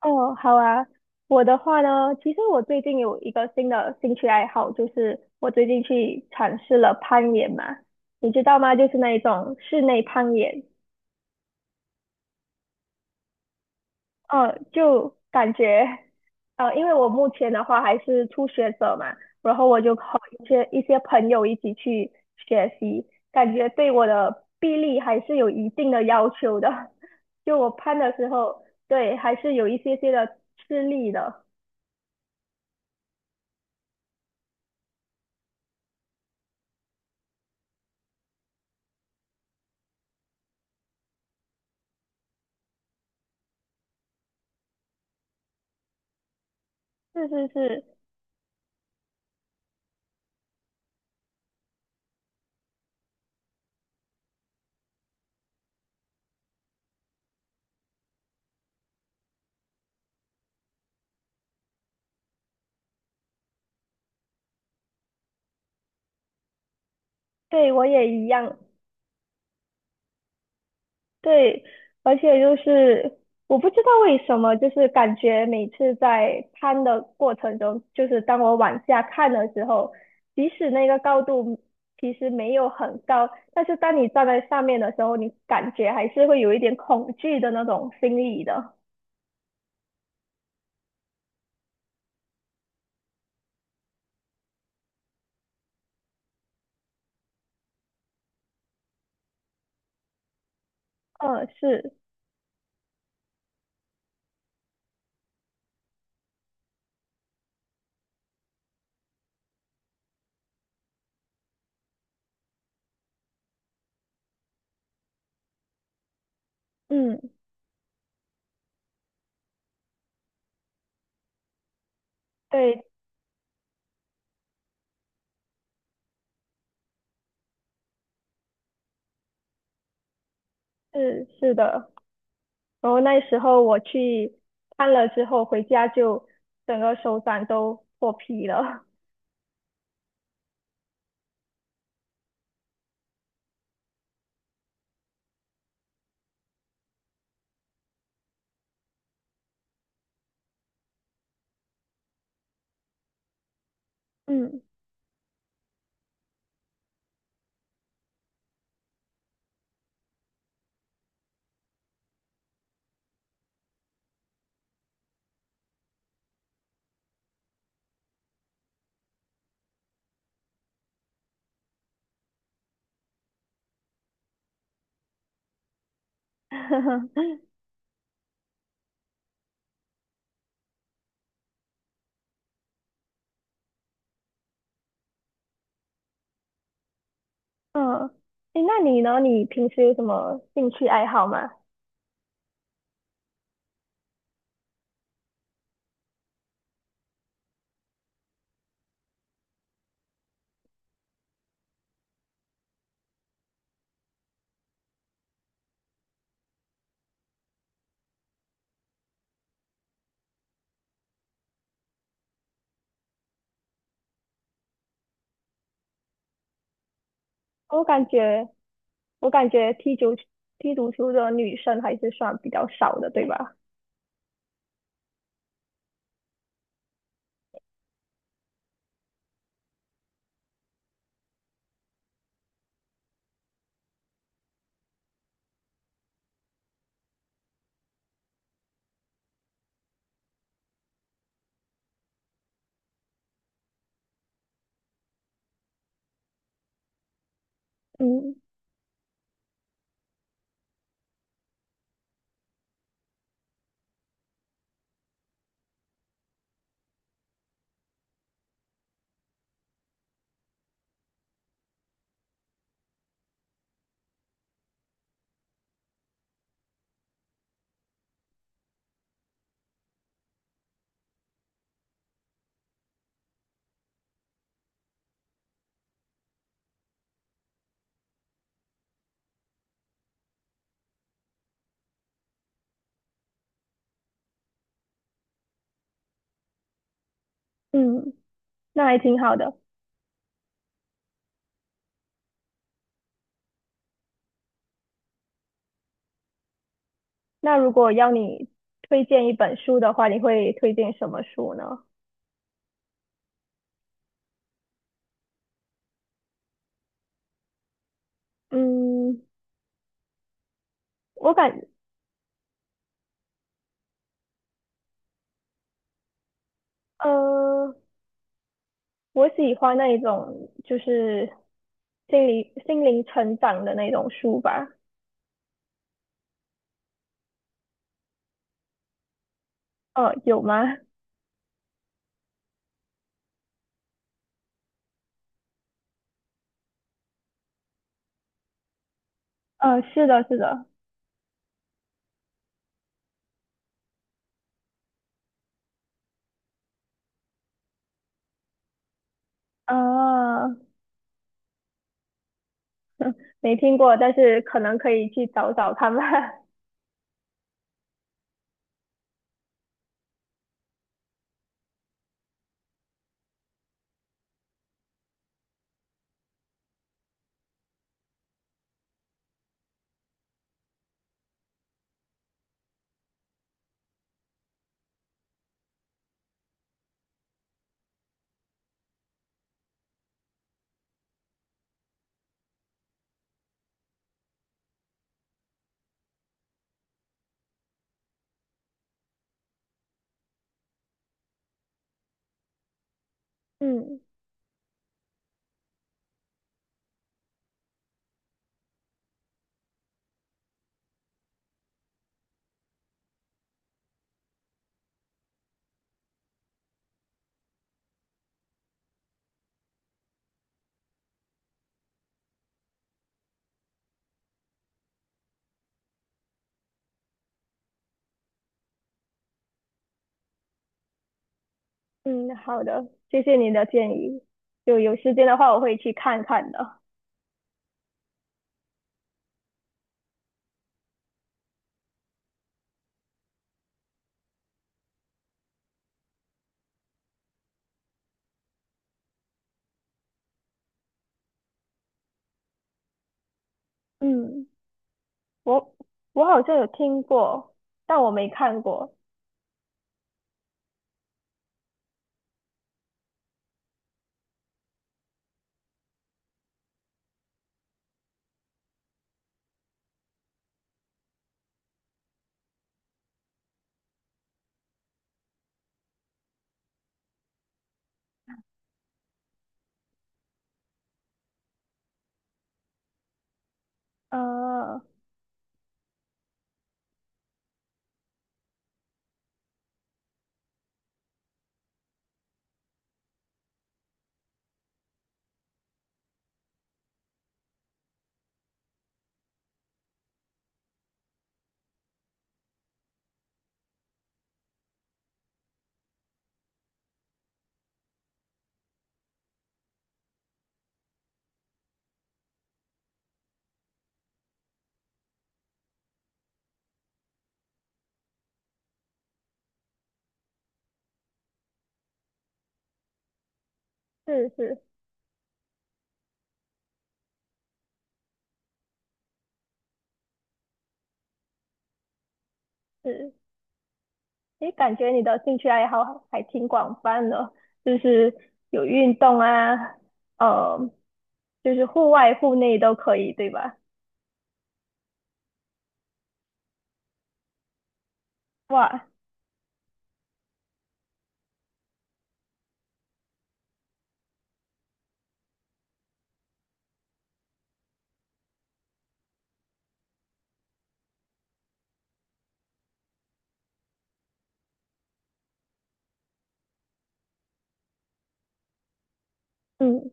哦，好啊。我的话呢，其实我最近有一个新的兴趣爱好，就是我最近去尝试了攀岩嘛，你知道吗？就是那一种室内攀岩。就感觉，因为我目前的话还是初学者嘛，然后我就和一些朋友一起去学习，感觉对我的臂力还是有一定的要求的。就我攀的时候，对，还是有一些些的吃力的。是是是。对，我也一样。对，而且就是我不知道为什么，就是感觉每次在攀的过程中，就是当我往下看的时候，即使那个高度其实没有很高，但是当你站在上面的时候，你感觉还是会有一点恐惧的那种心理的。嗯，是，嗯，对，是是的。然后那时候我去看了之后，回家就整个手掌都破皮了。嗯。嗯，诶，那你呢？你平时有什么兴趣爱好吗？我感觉，我感觉踢足球的女生还是算比较少的，对吧？嗯嗯，那还挺好的。那如果要你推荐一本书的话，你会推荐什么书呢？嗯，我感，呃，我喜欢那一种就是心灵成长的那种书吧。有吗？是的，是的。啊，没听过，但是可能可以去找找看吧。嗯嗯，好的，谢谢你的建议。就有时间的话，我会去看看的。嗯，我我好像有听过，但我没看过。呃，是是是，诶，感觉你的兴趣爱好还挺广泛的，就是有运动啊，呃，就是户外、户内都可以，对吧？哇，嗯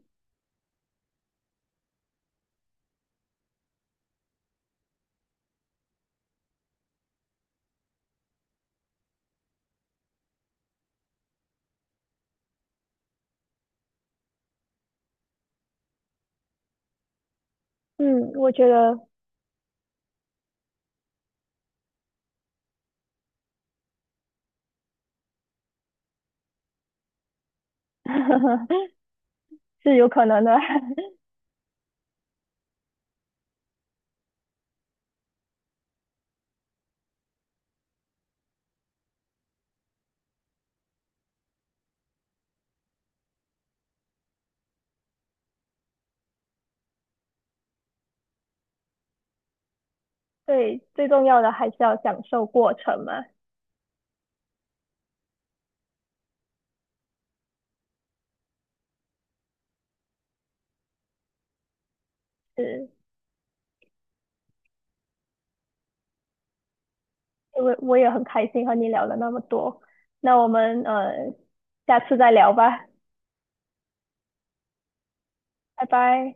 嗯，我觉得 是有可能的。对，最重要的还是要享受过程嘛。是，因为我也很开心和你聊了那么多。那我们下次再聊吧，拜拜。